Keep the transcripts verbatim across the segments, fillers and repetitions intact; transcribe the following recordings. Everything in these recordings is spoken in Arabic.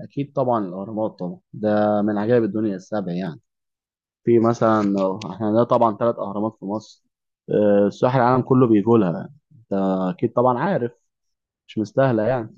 أكيد طبعا الأهرامات طبعا ده من عجائب الدنيا السبع يعني. في مثلا احنا عندنا طبعا ثلاث أهرامات في مصر. آه، سياح العالم كله بيجوا لها. أنت أكيد طبعا عارف. مش مستاهلة يعني.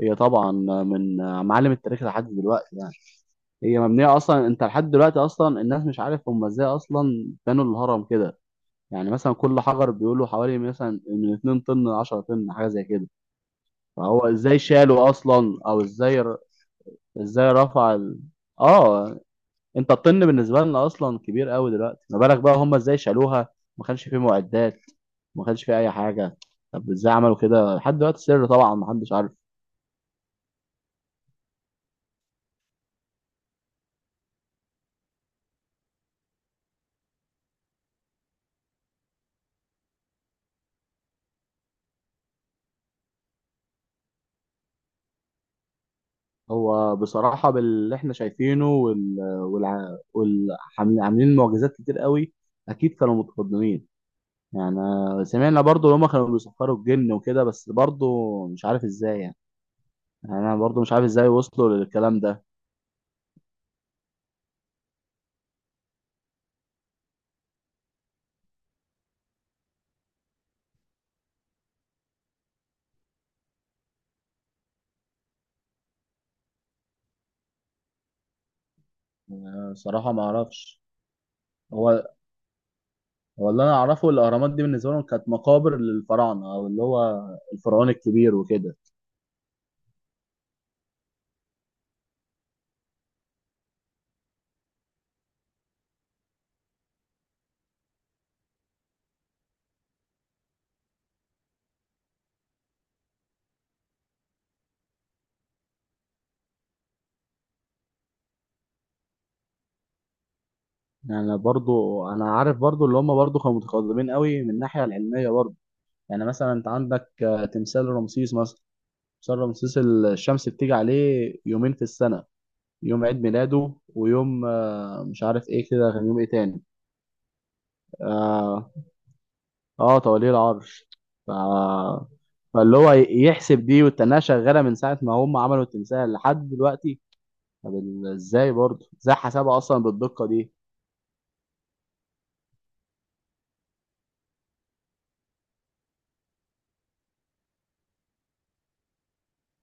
هي طبعا من معالم التاريخ لحد دلوقتي يعني. هي مبنية أصلا. أنت لحد دلوقتي أصلا الناس مش عارف هم إزاي أصلا بنوا الهرم كده. يعني مثلا كل حجر بيقولوا حوالي مثلا من اثنين طن ل عشرة طن حاجة زي كده. فهو إزاي شالوا أصلا أو إزاي؟ إزاي رفع ال... اه، انت الطن بالنسبه لنا اصلا كبير قوي دلوقتي. ما بالك بقى هم ازاي شالوها؟ ما كانش فيه معدات، ما كانش فيه اي حاجه. طب ازاي عملوا كده؟ لحد دلوقتي سر، طبعا ما حدش عارف. هو بصراحه باللي احنا شايفينه وال... والع... والعاملين معجزات كتير قوي، اكيد كانوا متقدمين يعني. سمعنا برضو ان هم كانوا بيسخروا الجن وكده بس برضو مش عارف ازاي يعني. يعني انا برضو مش عارف ازاي وصلوا للكلام ده. آه، صراحه ما اعرفش. هو هو اللي انا اعرفه الاهرامات دي بالنسبه لهم كانت مقابر للفراعنه او اللي هو الفرعون الكبير وكده. يعني برضو انا عارف برضو اللي هم برضو كانوا متقدمين قوي من الناحيه العلميه برضو. يعني مثلا انت عندك آه، تمثال رمسيس مثلا. تمثال رمسيس الشمس بتيجي عليه يومين في السنه: يوم عيد ميلاده ويوم آه، مش عارف ايه كده، كان يوم ايه تاني. اه, آه، توليه العرش. ف... فاللي هو يحسب دي والتناقشه شغاله من ساعه ما هم عملوا التمثال لحد دلوقتي. طب ال- ازاي برضه ازاي حسابها اصلا بالدقه دي؟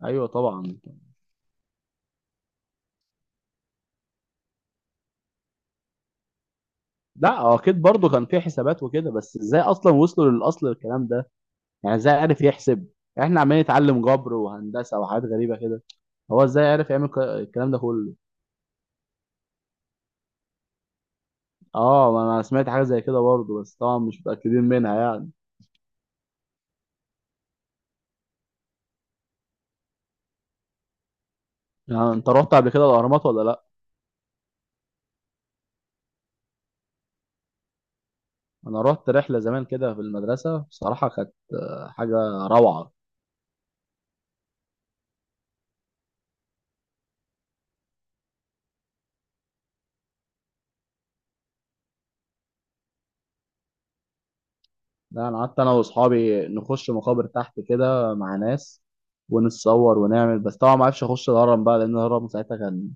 ايوه طبعا. لا هو اكيد برضه كان في حسابات وكده، بس ازاي اصلا وصلوا للاصل الكلام ده، يعني ازاي عرف يحسب؟ احنا عمالين نتعلم جبر وهندسه وحاجات غريبه كده، هو ازاي عرف يعمل ك- الكلام ده كله؟ اه ما انا سمعت حاجه زي كده برضه، بس طبعا مش متاكدين منها يعني. يعني انت رحت قبل كده الاهرامات ولا لا؟ انا رحت رحله زمان كده في المدرسه، بصراحه كانت حاجه روعه. لا، انا قعدت انا واصحابي نخش مقابر تحت كده مع ناس ونتصور ونعمل، بس طبعا ما عرفش اخش الهرم بقى، لان الهرم ساعتها كان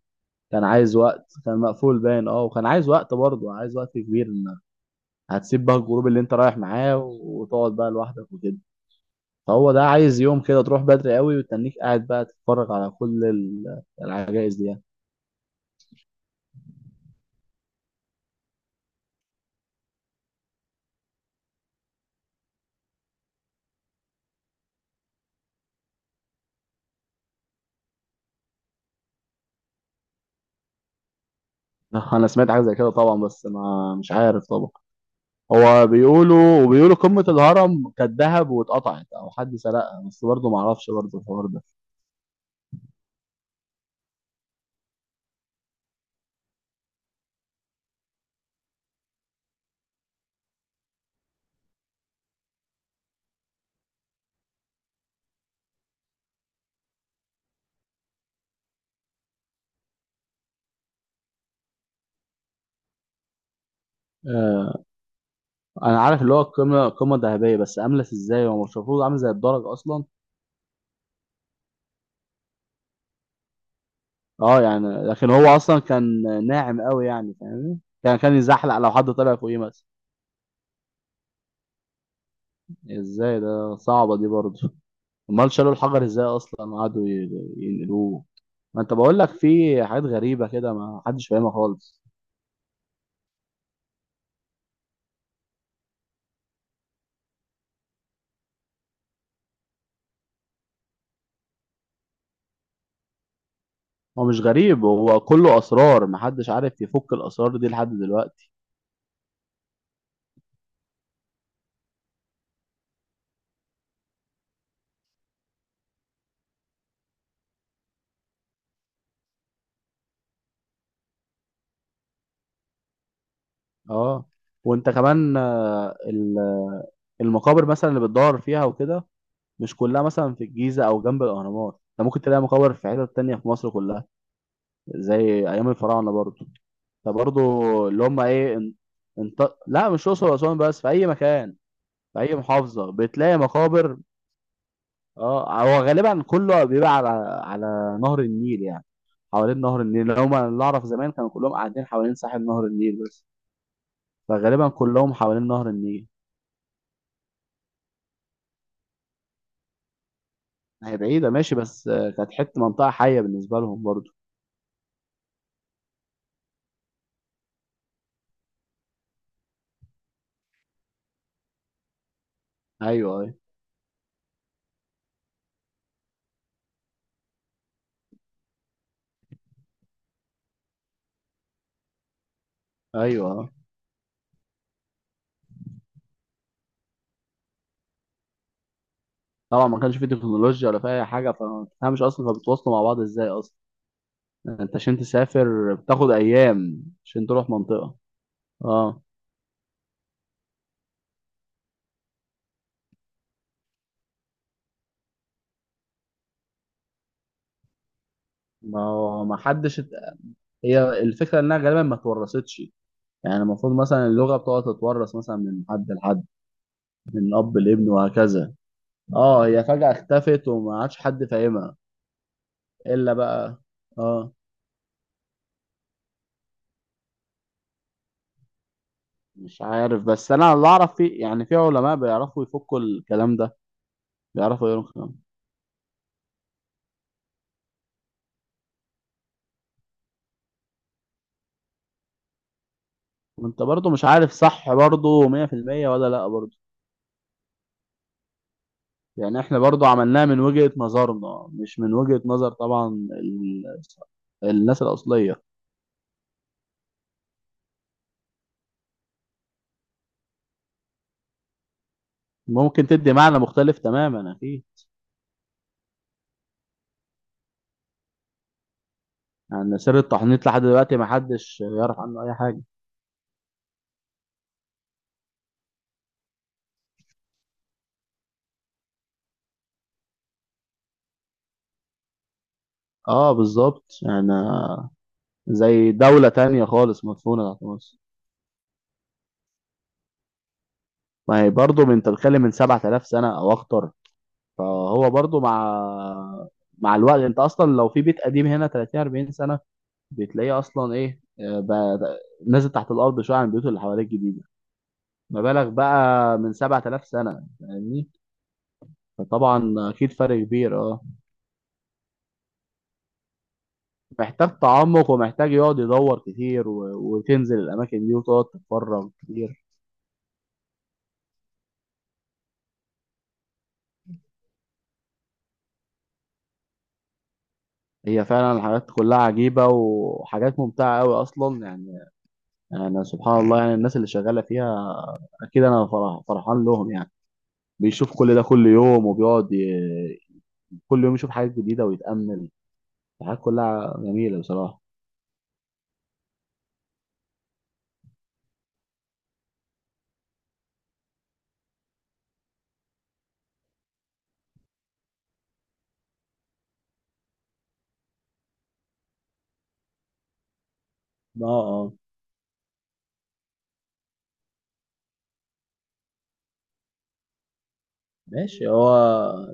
كان عايز وقت، كان مقفول باين، اه، وكان عايز وقت برضه، عايز وقت كبير، إن هتسيب بقى الجروب اللي انت رايح معاه وتقعد بقى لوحدك وكده. فهو ده عايز يوم كده، تروح بدري قوي وتنيك قاعد بقى تتفرج على كل ال- العجائز دي يعني. انا سمعت حاجه زي كده طبعا، بس ما مش عارف طبعا. هو بيقولوا وبيقولوا قمة الهرم كانت ذهب واتقطعت او حد سرقها، بس برضه ما اعرفش برضه الحوار ده. آه، انا عارف اللي هو القمة قمة ذهبية، بس املس ازاي؟ هو مش المفروض عامل زي الدرج اصلا؟ اه يعني، لكن هو اصلا كان ناعم قوي يعني، فاهمني، كان كان يزحلق لو حد طلع فوقيه مثلا. ازاي ده؟ صعبة دي برضه. امال شالوا الحجر ازاي اصلا وقعدوا ي- ينقلوه؟ ما انت بقول لك في حاجات غريبة كده ما حدش فاهمها خالص. هو مش غريب، هو كله اسرار محدش عارف يفك الاسرار دي لحد دلوقتي. اه. وانت كمان، آه، ال- المقابر مثلا اللي بتدور فيها وكده، مش كلها مثلا في الجيزة او جنب الاهرامات. انت ممكن تلاقي مقابر في حتت تانية في مصر كلها، زي ايام الفراعنة برضو. فبرضو اللي هم ايه ان... انت... لا مش الاقصر واسوان بس، في اي مكان، في اي محافظة بتلاقي مقابر. اه. هو غالبا كله بيبقى على على نهر النيل يعني. حوالين نهر النيل هما اللي اعرف زمان كانوا كلهم قاعدين حوالين ساحل نهر النيل بس. فغالبا كلهم حوالين نهر النيل. هي بعيدة ماشي، بس آه، كانت حتة منطقة حية بالنسبة لهم برضو. ايوه، ايوه، ايوه، آه. طبعا ما كانش في تكنولوجيا ولا في اي حاجة، فما تفهمش اصلا فبتواصلوا مع بعض ازاي اصلا؟ انت عشان تسافر بتاخد ايام عشان تروح منطقة. اه. ما هو ما حدش ات- هي الفكرة انها غالبا ما اتورثتش. يعني المفروض مثلا اللغة بتقعد تتورث مثلا من حد لحد، من أب لابن وهكذا. اه هي فجأة اختفت وما عادش حد فاهمها إلا بقى. اه، مش عارف، بس أنا اللي أعرف في، يعني في علماء بيعرفوا يفكوا الكلام ده، بيعرفوا يقولوا الكلام. وأنت برضو مش عارف صح برضو مية بالمية ولا لأ برضو؟ يعني احنا برضو عملناها من وجهة نظرنا، مش من وجهة نظر طبعا ال... الناس الأصلية، ممكن تدي معنى مختلف تماما أكيد. يعني سر التحنيط لحد دلوقتي ما حدش يعرف عنه اي حاجه. اه بالظبط يعني. زي دوله تانية خالص مدفونه تحت مصر. ما هي برضه من- انت بتتكلم من سبع تلاف سنه او اكتر. فهو برضه مع مع الوقت، انت اصلا لو في بيت قديم هنا تلاتين اربعين سنه بتلاقيه اصلا ايه، آه، بقى نازل تحت الارض شويه عن البيوت اللي حواليه الجديده. ما بالك بقى من سبعة آلاف سنه فاهمني؟ فطبعا اكيد فرق كبير. اه، محتاج تعمق ومحتاج يقعد يدور كتير و... وتنزل الأماكن دي وتقعد تتفرج كتير. هي فعلا الحاجات كلها عجيبة وحاجات ممتعة أوي أصلا يعني. أنا سبحان الله، يعني الناس اللي شغالة فيها أكيد أنا فرح... فرحان لهم يعني. بيشوف كل ده كل يوم وبيقعد ي... كل يوم يشوف حاجات جديدة ويتأمل. الحاجات كلها جميلة بصراحة. اه. اه ماشي. هو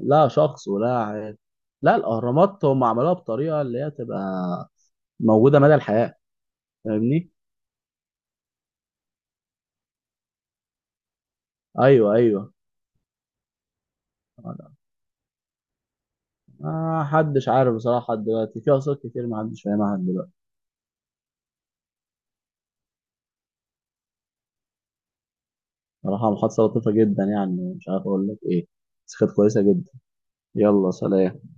لا شخص ولا عاد. لا، الأهرامات هم عملوها بطريقة اللي هي تبقى موجودة مدى الحياة، فاهمني؟ أيوه، أيوه. ما حدش عارف بصراحة، لحد دلوقتي في أقساط كتير ما حدش فاهمها لحد دلوقتي. بصراحة محادثة لطيفة جدا، يعني مش عارف أقول لك إيه، بس كانت كويسة جدا. يلا، سلام.